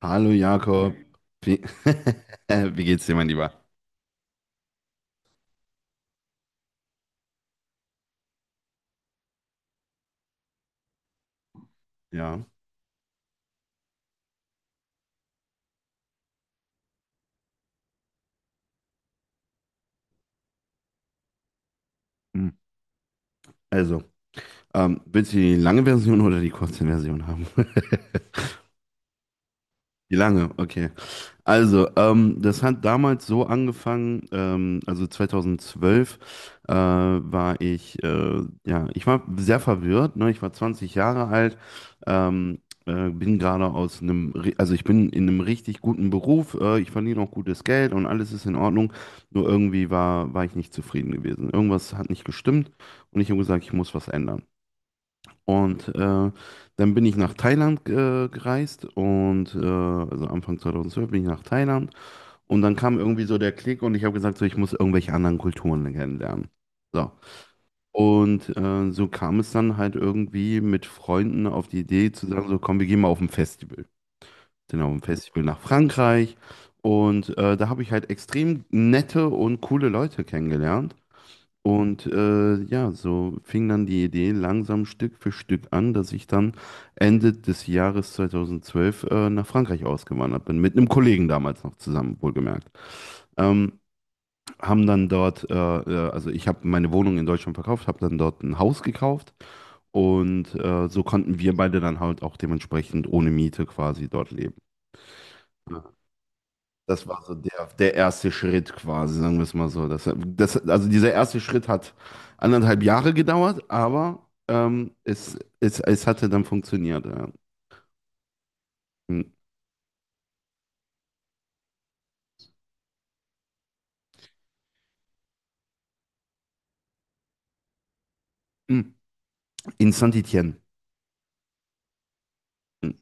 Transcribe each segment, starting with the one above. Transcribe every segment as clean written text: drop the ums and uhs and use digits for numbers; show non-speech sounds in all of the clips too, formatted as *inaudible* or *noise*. Hallo Jakob, wie, *laughs* wie geht's dir, mein Lieber? Ja. Hm. Also, willst du die lange Version oder die kurze Version haben? *laughs* Die lange, okay. Also, das hat damals so angefangen, also 2012 war ich, ja, ich war sehr verwirrt, ne? Ich war 20 Jahre alt, ähm, bin gerade aus einem, also ich bin in einem richtig guten Beruf, ich verdiene auch gutes Geld und alles ist in Ordnung, nur irgendwie war ich nicht zufrieden gewesen. Irgendwas hat nicht gestimmt und ich habe gesagt, ich muss was ändern. Und dann bin ich nach Thailand gereist und also Anfang 2012 bin ich nach Thailand und dann kam irgendwie so der Klick und ich habe gesagt, so, ich muss irgendwelche anderen Kulturen kennenlernen. So. Und so kam es dann halt irgendwie mit Freunden auf die Idee zu sagen, so komm, wir gehen mal auf ein Festival. Sind auf ein Festival nach Frankreich. Und da habe ich halt extrem nette und coole Leute kennengelernt. Und ja, so fing dann die Idee langsam Stück für Stück an, dass ich dann Ende des Jahres 2012 nach Frankreich ausgewandert bin. Mit einem Kollegen damals noch zusammen, wohlgemerkt. Ähm, Haben dann dort, also ich habe meine Wohnung in Deutschland verkauft, habe dann dort ein Haus gekauft und so konnten wir beide dann halt auch dementsprechend ohne Miete quasi dort leben. Das war so der erste Schritt quasi, sagen wir es mal so. Also dieser erste Schritt hat 1,5 Jahre gedauert, aber es hatte dann funktioniert. Ja. Mm. In Saint-Étienne. Hm.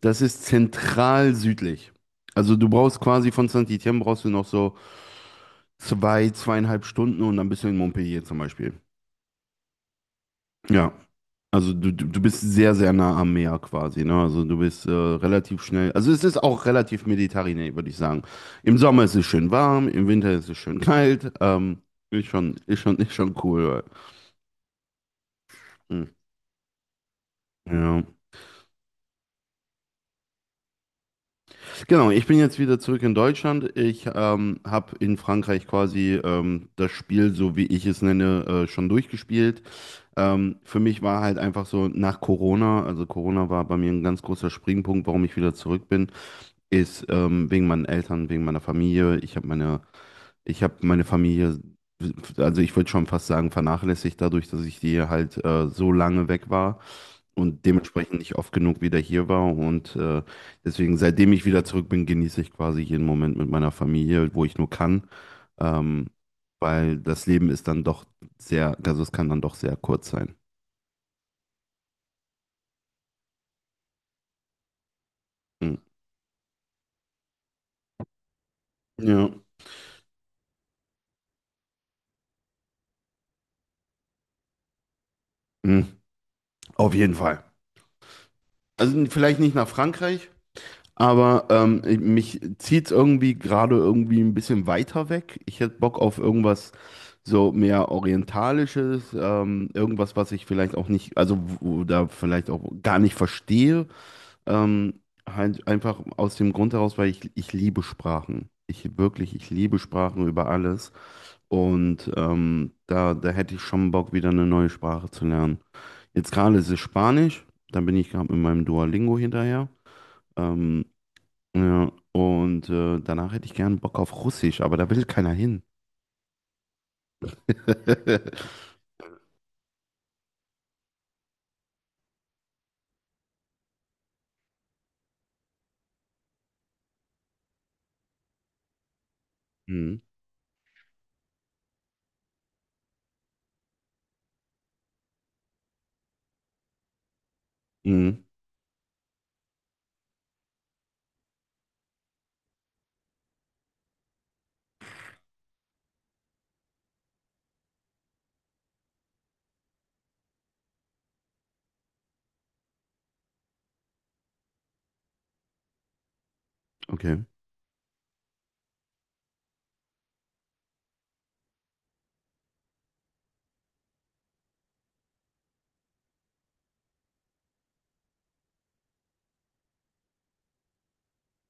Das ist zentral südlich. Also du brauchst quasi von Saint-Étienne brauchst du noch so 2, 2,5 Stunden und dann bist du in Montpellier zum Beispiel. Ja, also du bist sehr, sehr nah am Meer quasi, ne? Also du bist relativ schnell. Also es ist auch relativ mediterran, würde ich sagen. Im Sommer ist es schön warm, im Winter ist es schön kalt. Ist schon cool. Hm, Ja. Genau, ich bin jetzt wieder zurück in Deutschland. Ich habe in Frankreich quasi das Spiel, so wie ich es nenne, schon durchgespielt. Für mich war halt einfach so nach Corona, also Corona war bei mir ein ganz großer Springpunkt, warum ich wieder zurück bin, ist wegen meinen Eltern, wegen meiner Familie. Ich habe meine Familie, also ich würde schon fast sagen, vernachlässigt dadurch, dass ich die halt so lange weg war und dementsprechend nicht oft genug wieder hier war. Und deswegen, seitdem ich wieder zurück bin, genieße ich quasi jeden Moment mit meiner Familie, wo ich nur kann. Ähm, weil das Leben ist dann doch sehr, also es kann dann doch sehr kurz sein. Mhm. Ja, mhm. Auf jeden Fall. Also vielleicht nicht nach Frankreich. Aber mich zieht es irgendwie gerade irgendwie ein bisschen weiter weg. Ich hätte Bock auf irgendwas so mehr Orientalisches, irgendwas, was ich vielleicht auch nicht, also da vielleicht auch gar nicht verstehe. Ähm, halt einfach aus dem Grund heraus, weil ich liebe Sprachen. Ich liebe Sprachen über alles. Und da hätte ich schon Bock, wieder eine neue Sprache zu lernen. Jetzt gerade ist es Spanisch, dann bin ich gerade mit meinem Duolingo hinterher. Ähm, ja, und danach hätte ich gern Bock auf Russisch, aber da will keiner hin. *laughs* Mhm. Mhm. Okay,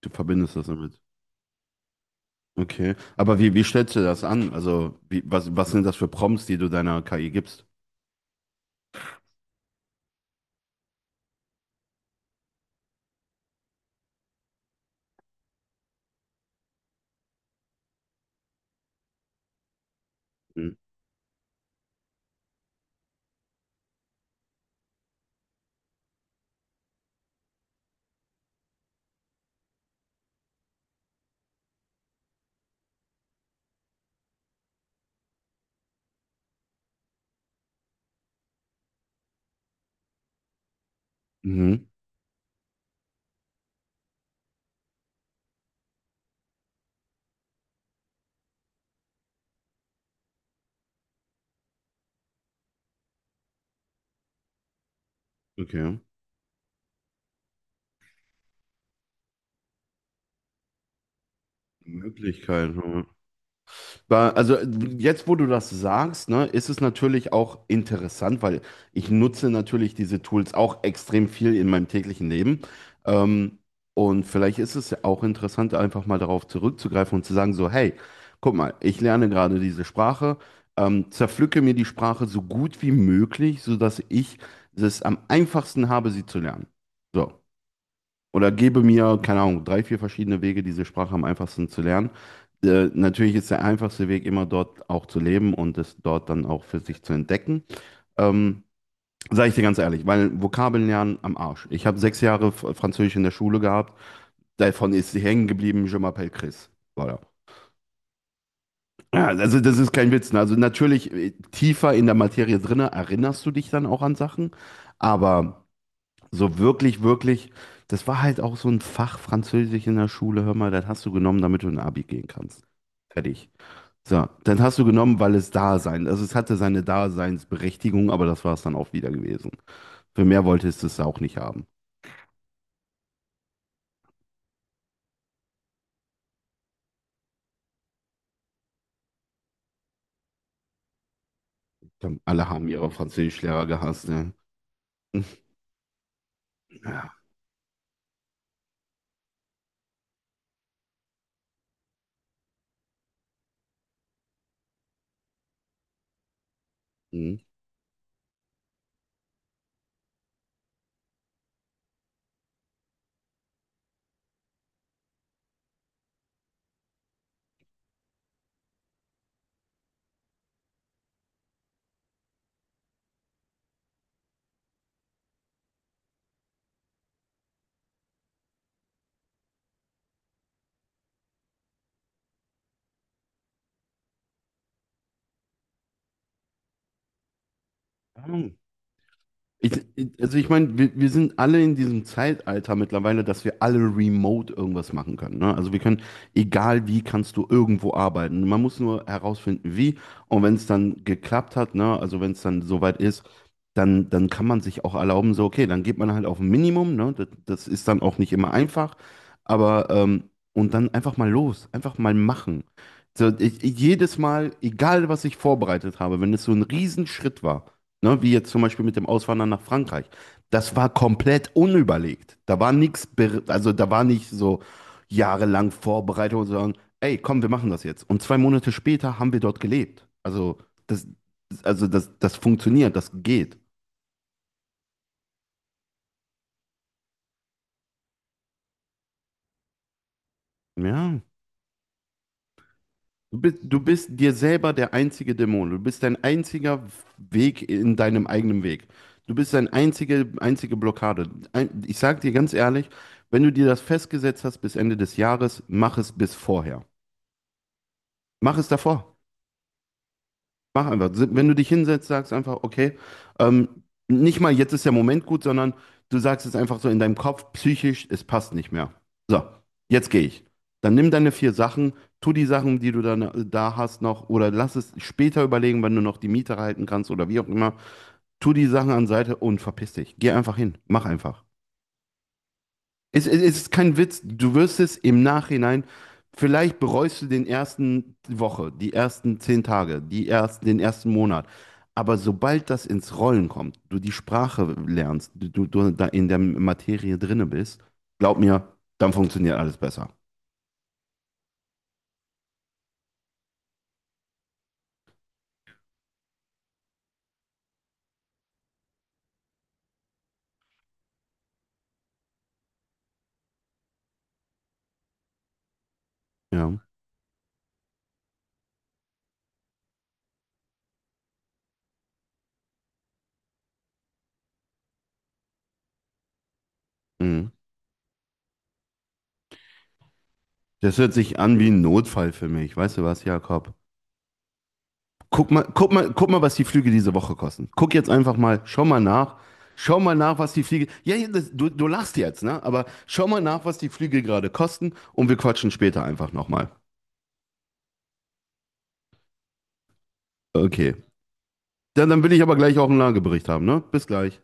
du verbindest das damit. Okay, aber wie stellst du das an? Also, was sind das für Prompts, die du deiner KI gibst? Mhm. Mhm. Okay, Möglichkeit. Also jetzt, wo du das sagst, ne, ist es natürlich auch interessant, weil ich nutze natürlich diese Tools auch extrem viel in meinem täglichen Leben. Ähm, und vielleicht ist es ja auch interessant, einfach mal darauf zurückzugreifen und zu sagen, so, hey, guck mal, ich lerne gerade diese Sprache, zerpflücke mir die Sprache so gut wie möglich, sodass ich es am einfachsten habe, sie zu lernen. So, oder gebe mir, keine Ahnung, drei, vier verschiedene Wege, diese Sprache am einfachsten zu lernen. Natürlich ist der einfachste Weg immer dort auch zu leben und es dort dann auch für sich zu entdecken. Ähm, sage ich dir ganz ehrlich, weil Vokabeln lernen am Arsch. Ich habe 6 Jahre Französisch in der Schule gehabt, davon ist hängen geblieben, Je m'appelle Chris. Voilà. Ja, also das ist kein Witz. Ne? Also natürlich tiefer in der Materie drinne erinnerst du dich dann auch an Sachen, aber so wirklich, wirklich, das war halt auch so ein Fach Französisch in der Schule. Hör mal, das hast du genommen, damit du in Abi gehen kannst. Fertig. So, dann hast du genommen, weil es da sein, also es hatte seine Daseinsberechtigung, aber das war es dann auch wieder gewesen. Für mehr wolltest du es auch nicht haben. Dann Alle haben ihre Französischlehrer gehasst, ne? *laughs* Ja. Mhm. Also ich meine, wir sind alle in diesem Zeitalter mittlerweile, dass wir alle remote irgendwas machen können. Ne? Also wir können, egal wie, kannst du irgendwo arbeiten. Man muss nur herausfinden, wie. Und wenn es dann geklappt hat, ne? Also wenn es dann soweit ist, dann, kann man sich auch erlauben, so, okay, dann geht man halt auf ein Minimum. Ne? Das ist dann auch nicht immer einfach. Aber, ähm, und dann einfach mal los, einfach mal machen. So, jedes Mal, egal was ich vorbereitet habe, wenn es so ein Riesenschritt war. Ne, wie jetzt zum Beispiel mit dem Auswandern nach Frankreich. Das war komplett unüberlegt. Da war nichts, also da war nicht so jahrelang Vorbereitung, sondern ey, komm, wir machen das jetzt. Und 2 Monate später haben wir dort gelebt. Das, also das funktioniert, das geht. Ja, Du bist dir selber der einzige Dämon. Du bist dein einziger Weg in deinem eigenen Weg. Du bist deine einzige, einzige Blockade. Ich sage dir ganz ehrlich, wenn du dir das festgesetzt hast bis Ende des Jahres, mach es bis vorher. Mach es davor. Mach einfach. Wenn du dich hinsetzt, sagst einfach, okay, ähm, nicht mal jetzt ist der Moment gut, sondern du sagst es einfach so in deinem Kopf, psychisch, es passt nicht mehr. So, jetzt gehe ich. Dann nimm deine vier Sachen, tu die Sachen, die du dann da hast noch, oder lass es später überlegen, wenn du noch die Miete halten kannst oder wie auch immer. Tu die Sachen an Seite und verpiss dich. Geh einfach hin. Mach einfach. Es ist kein Witz. Du wirst es im Nachhinein, vielleicht bereust du den ersten Woche, die ersten 10 Tage, die ersten, den ersten Monat. Aber sobald das ins Rollen kommt, du die Sprache lernst, du da in der Materie drinne bist, glaub mir, dann funktioniert alles besser. Ja. Mhm. Das hört sich an wie ein Notfall für mich. Weißt du was, Jakob? Guck mal, guck mal, guck mal, was die Flüge diese Woche kosten. Guck jetzt einfach mal, schau mal nach. Schau mal nach, was die Flüge. Ja, ja, du lachst jetzt, ne? Aber schau mal nach, was die Flüge gerade kosten und wir quatschen später einfach nochmal. Okay. Dann will ich aber gleich auch einen Lagebericht haben, ne? Bis gleich.